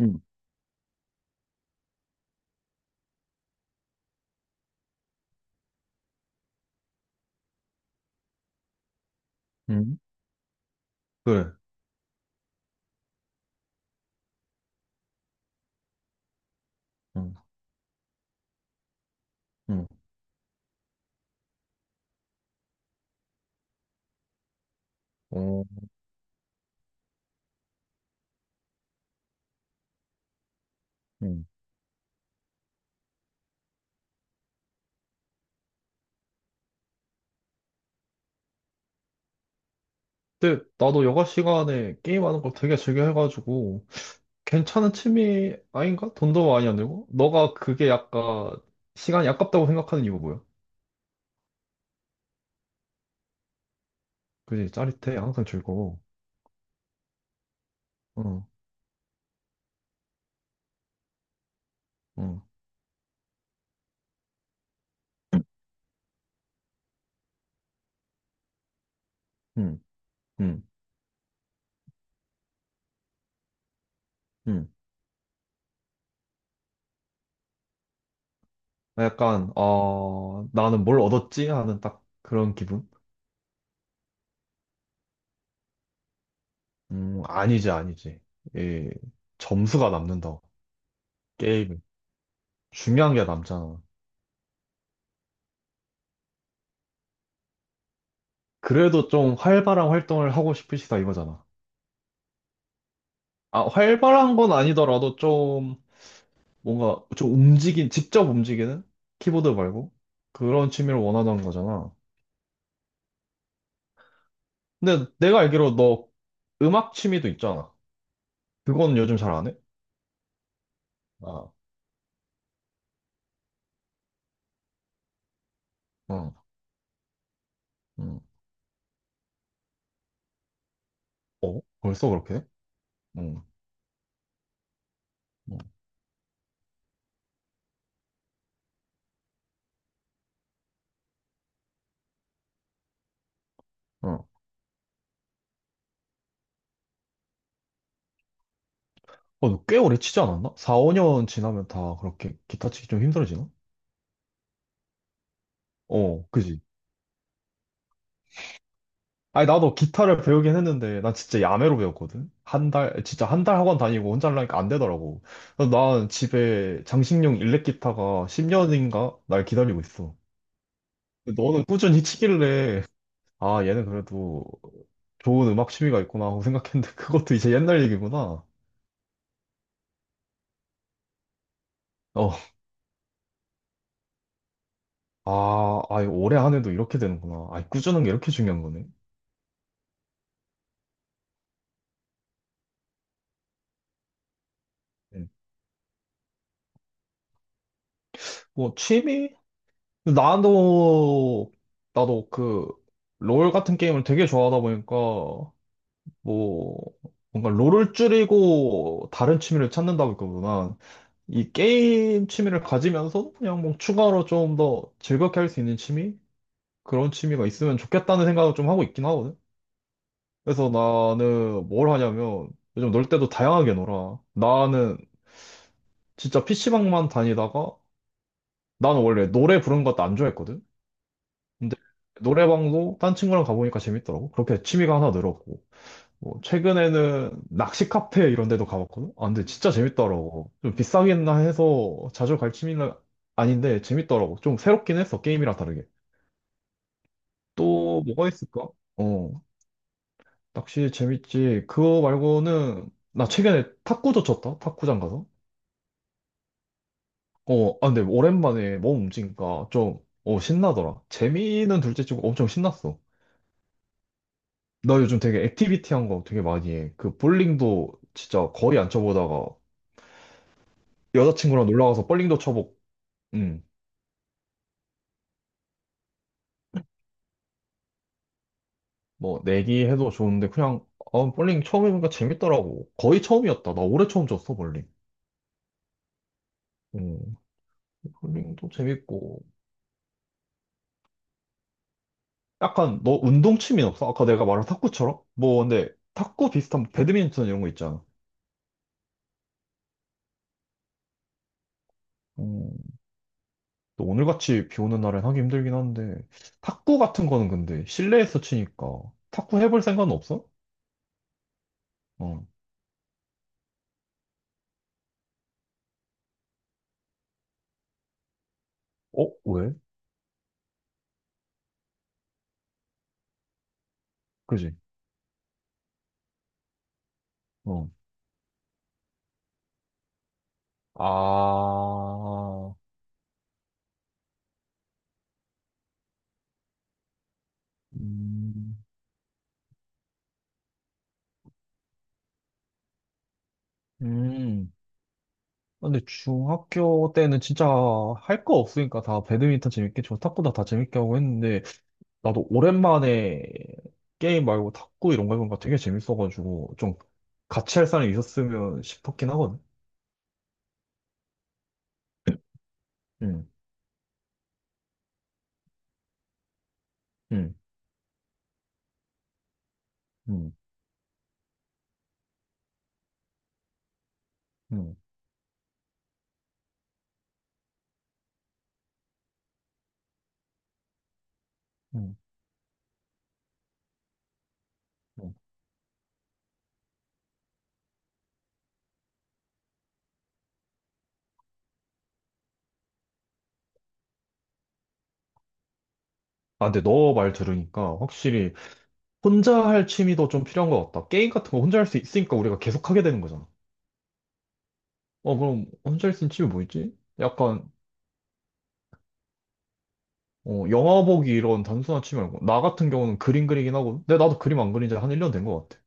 응, 응, 그래. 응, 응, 어, 응. 근데 나도 여가 시간에 게임하는 걸 되게 즐겨 해가지고 괜찮은 취미 아닌가? 돈도 많이 안 들고? 너가 그게 약간 시간이 아깝다고 생각하는 이유 뭐야? 그지? 짜릿해. 항상 즐거워. 응, 응, 응, 응, 응. 약간 나는 뭘 얻었지? 하는 딱 그런 기분? 아니지, 아니지. 이 점수가 남는다. 게임 중요한 게 남잖아. 그래도 좀 활발한 활동을 하고 싶으시다 이거잖아. 아, 활발한 건 아니더라도 좀 뭔가 좀 직접 움직이는? 키보드 말고? 그런 취미를 원하는 거잖아. 근데 내가 알기로 너 음악 취미도 있잖아. 그건 요즘 잘 안 해? 아, 응, 응. 어? 벌써 그렇게? 응, 응, 응. 어, 너 꽤 오래 치지 않았나? 4, 5년 지나면 다 그렇게 기타 치기 좀 힘들어지나? 어, 그지? 아니, 나도 기타를 배우긴 했는데, 난 진짜 야매로 배웠거든? 한 달, 진짜 한 달 학원 다니고 혼자 하려니까 안 되더라고. 그래서 난 집에 장식용 일렉 기타가 10년인가? 날 기다리고 있어. 근데 너는 꾸준히 치길래, 아, 얘는 그래도 좋은 음악 취미가 있구나 하고 생각했는데, 그것도 이제 옛날 얘기구나. 어, 아, 아이, 올해 한 해도 이렇게 되는구나. 아, 꾸준한 게 이렇게 중요한 거네. 음. 뭐, 취미? 나도, 나도 그, 롤 같은 게임을 되게 좋아하다 보니까, 뭐, 뭔가 롤을 줄이고 다른 취미를 찾는다고 했거든. 이 게임 취미를 가지면서 그냥 뭐 추가로 좀 더 즐겁게 할 수 있는 취미? 그런 취미가 있으면 좋겠다는 생각을 좀 하고 있긴 하거든. 그래서 나는 뭘 하냐면 요즘 놀 때도 다양하게 놀아. 나는 진짜 PC방만 다니다가 나는 원래 노래 부르는 것도 안 좋아했거든. 근데 노래방도 딴 친구랑 가보니까 재밌더라고. 그렇게 취미가 하나 늘었고. 뭐 최근에는 낚시 카페 이런 데도 가봤거든? 아, 근데 진짜 재밌더라고. 좀 비싸겠나 해서 자주 갈 취미는 아닌데 재밌더라고. 좀 새롭긴 했어, 게임이랑 다르게. 또 뭐가 있을까? 어, 낚시 재밌지. 그거 말고는 나 최근에 탁구도 쳤다, 탁구장 가서. 어, 아, 근데 오랜만에 몸 움직이니까 좀, 어, 신나더라. 재미는 둘째치고 엄청 신났어. 나 요즘 되게 액티비티한 거 되게 많이 해. 그 볼링도 진짜 거의 안 쳐보다가 여자친구랑 놀러 가서 볼링도 쳐보고, 응. 뭐 내기해도 좋은데 그냥 아, 볼링 처음 해보니까 재밌더라고. 거의 처음이었다. 나 올해 처음 쳤어 볼링. 음, 볼링도 재밌고 약간 너 운동 취미 없어? 아까 내가 말한 탁구처럼? 뭐 근데 탁구 비슷한 배드민턴 이런 거 있잖아. 음, 또 오늘같이 비 오는 날엔 하기 힘들긴 한데 탁구 같은 거는 근데 실내에서 치니까 탁구 해볼 생각은 없어? 어, 어? 왜? 그지? 어. 아, 음, 음. 근데 중학교 때는 진짜 할 거 없으니까 다 배드민턴 재밌게 치고 탁구도 다 재밌게 하고 했는데 나도 오랜만에 게임 말고 탁구 이런 거 해보니까 되게 재밌어가지고 좀 같이 할 사람이 있었으면 싶었긴 하거든. 응, 응, 응, 응, 응. 응. 아, 근데 너 말 들으니까 확실히 혼자 할 취미도 좀 필요한 것 같다. 게임 같은 거 혼자 할 수 있으니까 우리가 계속 하게 되는 거잖아. 어, 그럼 혼자 할 수 있는 취미 뭐 있지? 약간 어, 영화 보기 이런 단순한 취미 말고. 나 같은 경우는 그림 그리긴 하고. 근데 나도 그림 안 그린 지 한 1년 된 것 같아.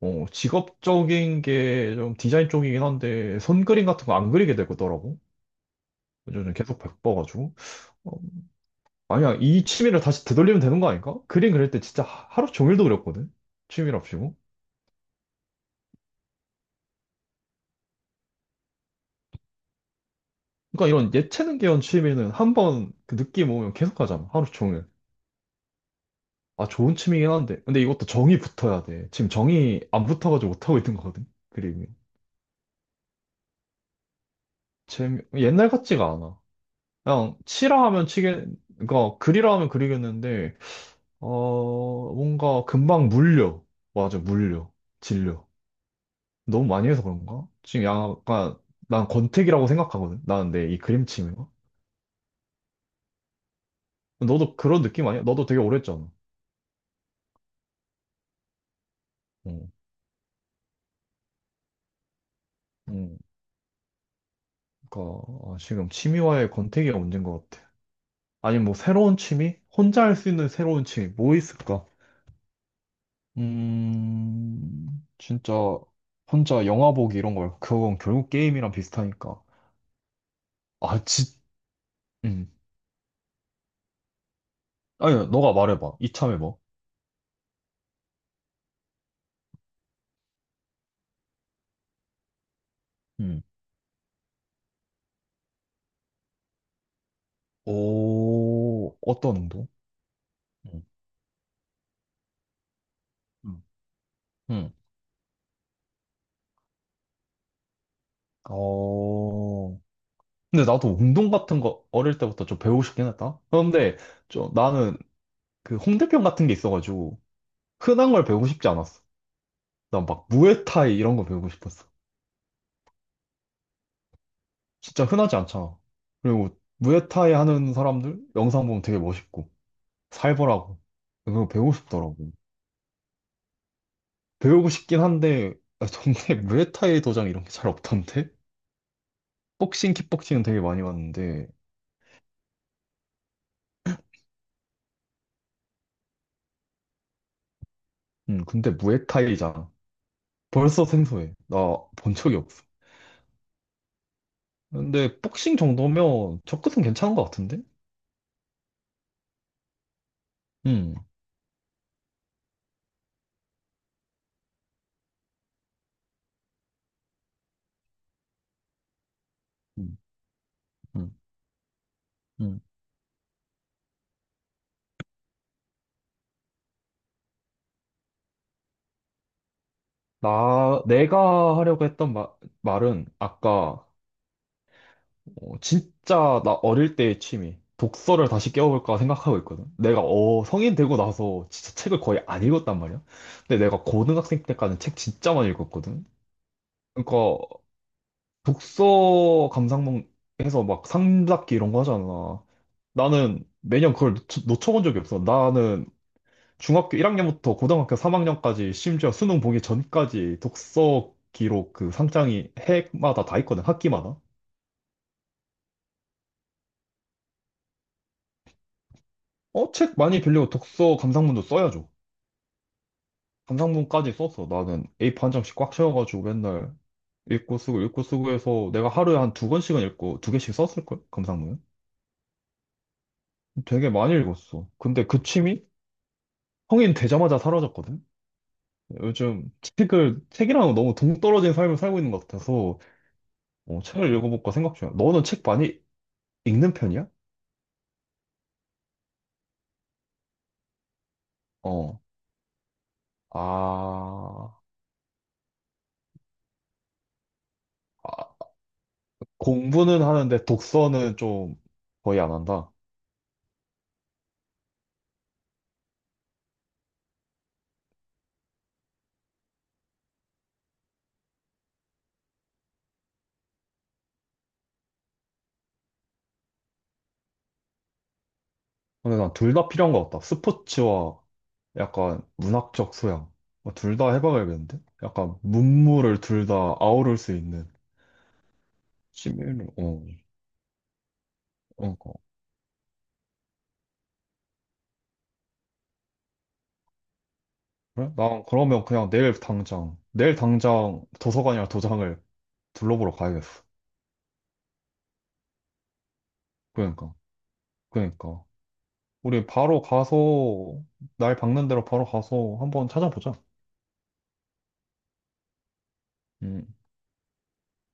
어, 직업적인 게 좀 디자인 쪽이긴 한데, 손그림 같은 거 안 그리게 되더라고. 요즘 계속 바빠가지고. 어, 아니야, 이 취미를 다시 되돌리면 되는 거 아닐까? 그림 그릴 때 진짜 하루 종일도 그렸거든? 취미랍시고. 그러니까 이런 예체능계열 취미는 한 번 그 느낌 오면 계속 하잖아. 하루 종일. 아, 좋은 취미긴 한데. 근데 이것도 정이 붙어야 돼. 지금 정이 안 붙어가지고 못하고 있는 거거든. 그림이. 재미, 옛날 같지가 않아. 그냥 치라 하면 치겠, 그러니까 그리라 하면 그리겠는데, 어, 뭔가 금방 물려. 맞아, 물려. 질려. 너무 많이 해서 그런가? 지금 약간, 난 권태기라고 생각하거든. 나는 내 이 그림 취미가. 너도 그런 느낌 아니야? 너도 되게 오래 했잖아. 응, 응. 그러니까, 아, 지금 취미와의 권태기가 문제인 것 같아. 아니, 뭐, 새로운 취미? 혼자 할 수 있는 새로운 취미, 뭐 있을까? 진짜 혼자 영화 보기 이런 거 말고 그건 결국 게임이랑 비슷하니까. 아, 지, 음. 아니, 너가 말해봐. 이참에 뭐. 음. 오, 어떤 운동? 음. 음. 음. 어. 근데 나도 운동 같은 거 어릴 때부터 좀 배우고 싶긴 했다. 그런데 좀 나는 그 홍대병 같은 게 있어가지고 흔한 걸 배우고 싶지 않았어. 난 막 무에타이 이런 거 배우고 싶었어. 진짜 흔하지 않잖아. 그리고 무에타이 하는 사람들 영상 보면 되게 멋있고 살벌하고 그거 배우고 싶더라고. 배우고 싶긴 한데 아, 동네 무에타이 도장 이런 게 잘 없던데? 복싱, 킥복싱은 되게 많이 봤는데 근데 무에타이잖아. 벌써 생소해. 나 본 적이 없어. 근데 복싱 정도면 접근은 괜찮은 것 같은데? 음, 음, 음, 음. 내가 하려고 했던 말은 아까 어, 진짜 나 어릴 때의 취미. 독서를 다시 깨워볼까 생각하고 있거든. 내가 어, 성인 되고 나서 진짜 책을 거의 안 읽었단 말이야. 근데 내가 고등학생 때까지는 책 진짜 많이 읽었거든. 그러니까 독서 감상문에서 막 상잡기 이런 거 하잖아. 나는 매년 그걸 놓쳐, 본 적이 없어. 나는 중학교 1학년부터 고등학교 3학년까지 심지어 수능 보기 전까지 독서 기록 그 상장이 해마다 다 있거든. 학기마다. 어, 책 많이 빌리고 독서 감상문도 써야죠. 감상문까지 썼어. 나는 A4 한 장씩 꽉 채워가지고 맨날 읽고 쓰고 읽고 쓰고 해서 내가 하루에 한 두 권씩은 읽고 두 개씩 썼을걸? 감상문은? 되게 많이 읽었어. 근데 그 취미? 성인 되자마자 사라졌거든? 요즘 책이랑 너무 동떨어진 삶을 살고 있는 것 같아서 어, 책을 읽어볼까 생각 중이야. 너는 책 많이 읽는 편이야? 어. 아, 아, 공부는 하는데 독서는 좀 거의 안 한다. 근데 난 둘 다 필요한 것 같다. 스포츠와 약간 문학적 소양. 뭐 둘다 해봐야겠는데? 약간 문물을 둘 다 아우를 수 있는 취미로. 어, 어, 어. 그래? 난 그러면 그냥 내일 당장 도서관이나 도장을 둘러보러 가야겠어. 그러니까, 그러니까. 우리 바로 가서, 날 박는 대로 바로 가서 한번 찾아보자. 음.